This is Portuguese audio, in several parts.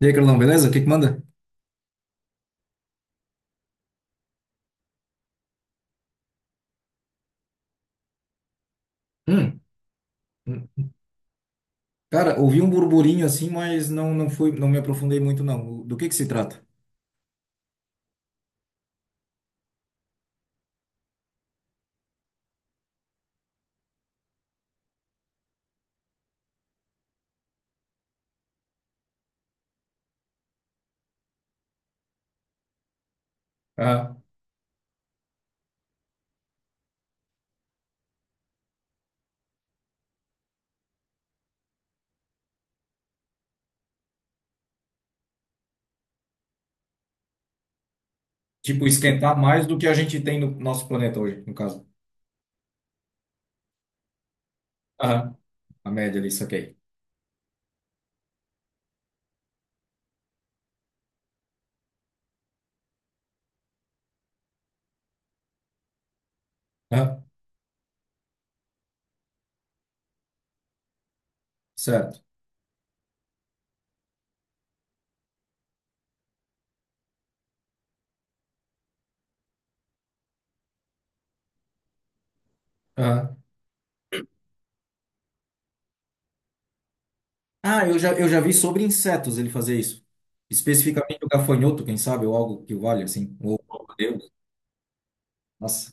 E aí, Carlão, beleza? O que que manda? Hum, hum. Cara, ouvi um burburinho assim, mas não fui, não me aprofundei muito não. Do que se trata? Ah, tipo, esquentar mais do que a gente tem no nosso planeta hoje, no caso. Aham, a média ali, saquei. Aham, certo. Aham. Ah, eu já vi sobre insetos ele fazer isso. Especificamente o gafanhoto, quem sabe, ou algo que valha assim. Ou, oh, meu Deus, nossa.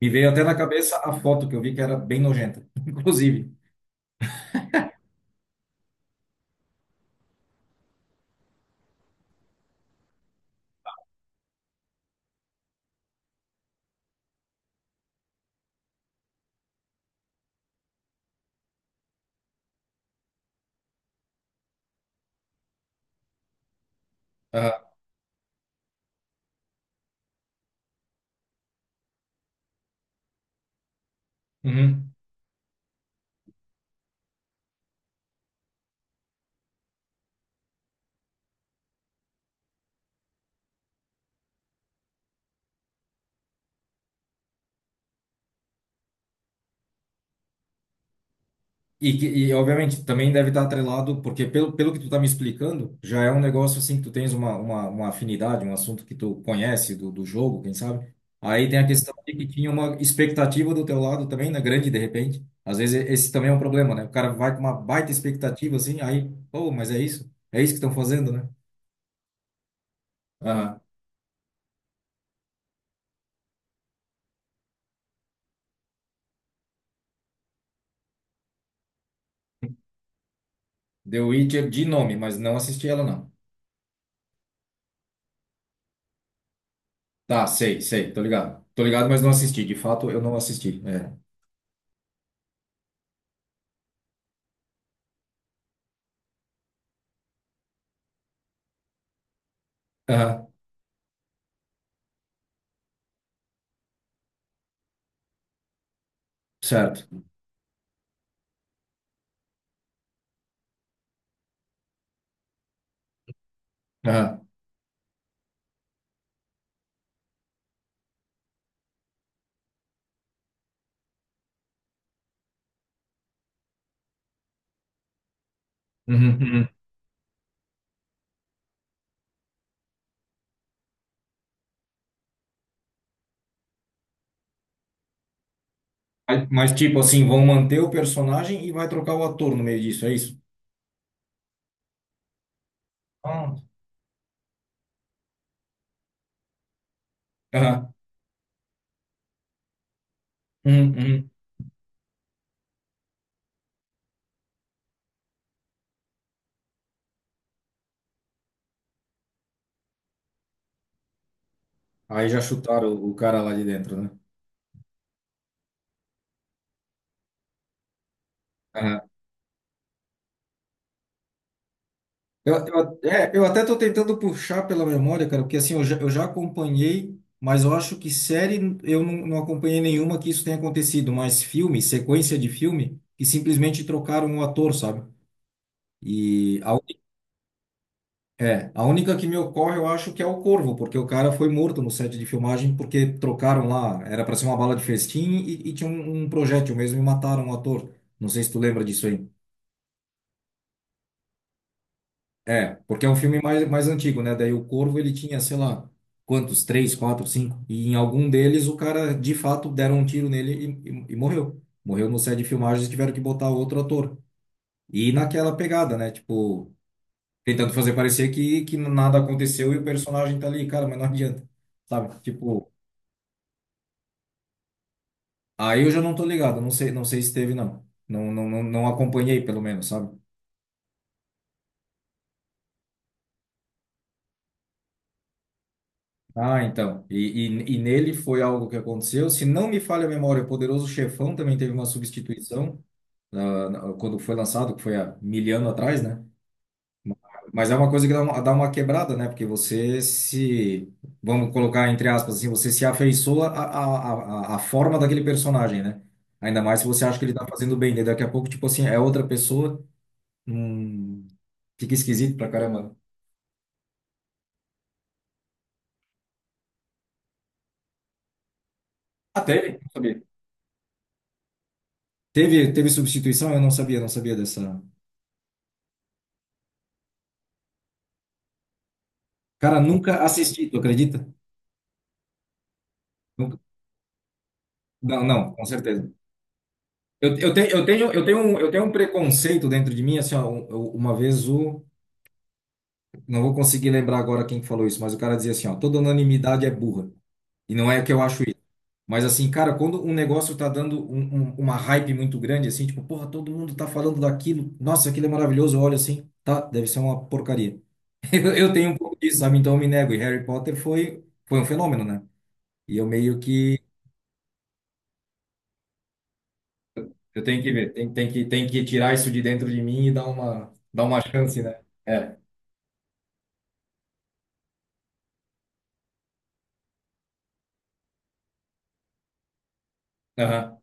Me veio até na cabeça a foto que eu vi que era bem nojenta, inclusive. Ah, e, que- e, obviamente, também deve estar atrelado, porque pelo, pelo que tu tá me explicando, já é um negócio assim que tu tens uma afinidade, um assunto que tu conhece do, do jogo, quem sabe? Aí tem a questão de que tinha uma expectativa do teu lado também, né? Grande, de repente. Às vezes esse também é um problema, né? O cara vai com uma baita expectativa assim, aí, pô, mas é isso? É isso que estão fazendo, né? Aham. The Witcher de nome, mas não assisti ela, não. Tá, sei, sei, tô ligado. Tô ligado, mas não assisti. De fato, eu não assisti. É. Aham, certo. Aham. Uhum, uhum. Mas, tipo assim, vão manter o personagem e vai trocar o ator no meio disso, é isso? Ah, aham. Uhum, uhum. Aí já chutaram o cara lá de dentro, né? Aham. Eu, é, eu até tô tentando puxar pela memória, cara, porque assim, eu já acompanhei, mas eu acho que série eu não, não acompanhei nenhuma que isso tenha acontecido, mas filme, sequência de filme, que simplesmente trocaram o ator, sabe? E a, é, a única que me ocorre, eu acho que é o Corvo, porque o cara foi morto no set de filmagem porque trocaram lá, era para ser uma bala de festim e tinha um, um projétil mesmo e mataram o ator. Não sei se tu lembra disso aí. É, porque é um filme mais, mais antigo, né? Daí o Corvo ele tinha, sei lá, quantos? Três, quatro, cinco. E em algum deles o cara de fato deram um tiro nele e morreu. Morreu no set de filmagens e tiveram que botar outro ator. E naquela pegada, né? Tipo, tentando fazer parecer que nada aconteceu e o personagem tá ali, cara, mas não adianta, sabe? Tipo, aí eu já não tô ligado, não sei, não sei se teve, não. Não, não, não, não acompanhei, pelo menos, sabe? Ah, então. E nele foi algo que aconteceu. Se não me falha a memória, o Poderoso Chefão também teve uma substituição, ah, na- quando foi lançado, que foi há mil anos atrás, né? Mas é uma coisa que dá uma quebrada, né? Porque você se, vamos colocar entre aspas assim, você se afeiçoa à, à, à forma daquele personagem, né? Ainda mais se você acha que ele tá fazendo bem, daí daqui a pouco, tipo assim, é outra pessoa, hum, fica esquisito pra caramba. Ah, teve? Não sabia. Teve, teve substituição? Eu não sabia, não sabia dessa. Cara, nunca assisti, tu acredita? Nunca- não, não, com certeza. Eu tenho, eu tenho um, eu tenho um preconceito dentro de mim, assim, ó, um- eu- uma vez o não vou conseguir lembrar agora quem que falou isso, mas o cara dizia assim, ó, toda unanimidade é burra. E não é que eu acho isso. Mas assim, cara, quando um negócio tá dando um- um- uma hype muito grande, assim, tipo, porra, todo mundo tá falando daquilo, nossa, aquilo é maravilhoso, olha assim, tá, deve ser uma porcaria. Eu tenho um pouco disso, sabe? Então eu me nego. E Harry Potter foi, foi um fenômeno, né? E eu meio que, eu tenho que ver, tem, tem que tirar isso de dentro de mim e dar uma chance, né? É, aham.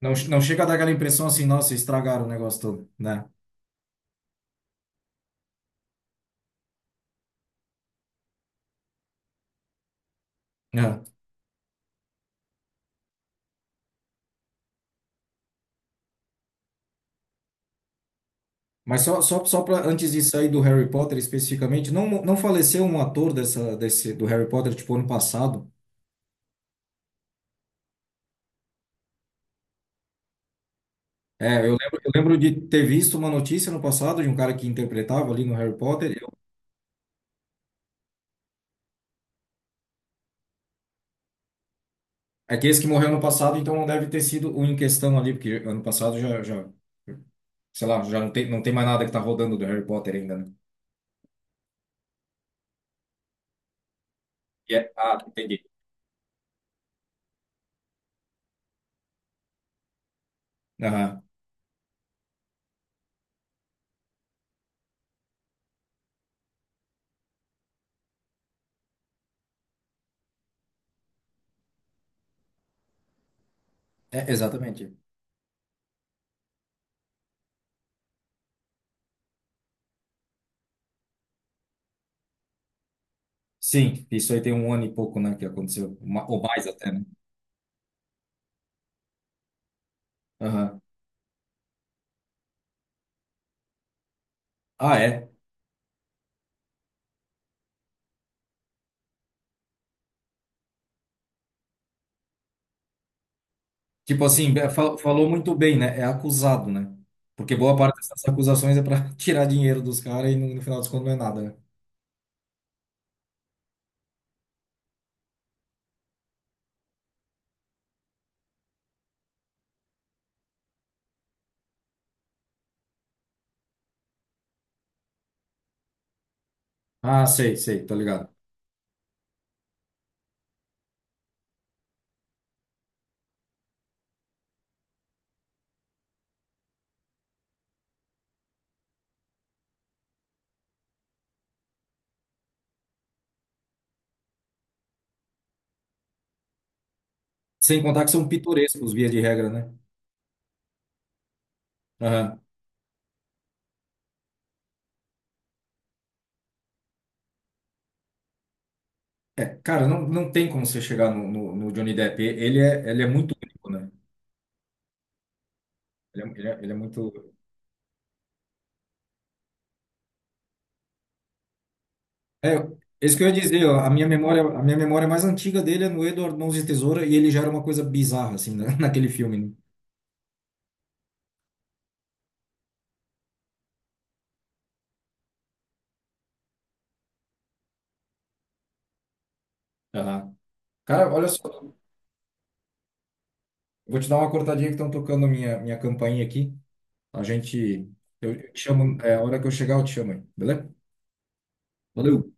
Não, não chega a dar aquela impressão assim, nossa, estragaram o negócio todo, né? Mas só, só, só para antes de sair do Harry Potter especificamente, não, não faleceu um ator dessa, desse, do Harry Potter, tipo, ano passado? É, eu lembro de ter visto uma notícia no passado de um cara que interpretava ali no Harry Potter. Eu- é que esse que morreu ano passado, então não deve ter sido o em questão ali, porque ano passado já, já, sei lá, já não tem, não tem mais nada que tá rodando do Harry Potter ainda, né? E é- ah, entendi. Aham. É, exatamente. Sim, isso aí tem um ano e pouco, né, que aconteceu, Ma- ou mais até, né? Aham. Ah, é? Tipo assim, be- fal- falou muito bem, né? É acusado, né? Porque boa parte dessas acusações é para tirar dinheiro dos caras e no, no final das contas não é nada, né? Ah, sei, sei, tô ligado. Sem contar que são pitorescos, via de regra, né? Aham. É, cara, não, não tem como você chegar no, no, no Johnny Depp. E- ele é, ele é muito único, né? Ele é, ele é muito. É, isso que eu ia dizer, ó, a minha memória mais antiga dele é no Edward Mãos de Tesoura e ele já era uma coisa bizarra, assim, né? Naquele filme, né? Aham. Cara, olha só. Vou te dar uma cortadinha que estão tocando a minha, minha campainha aqui. A gente. Eu te chamo. É, a hora que eu chegar, eu te chamo aí, beleza? Valeu!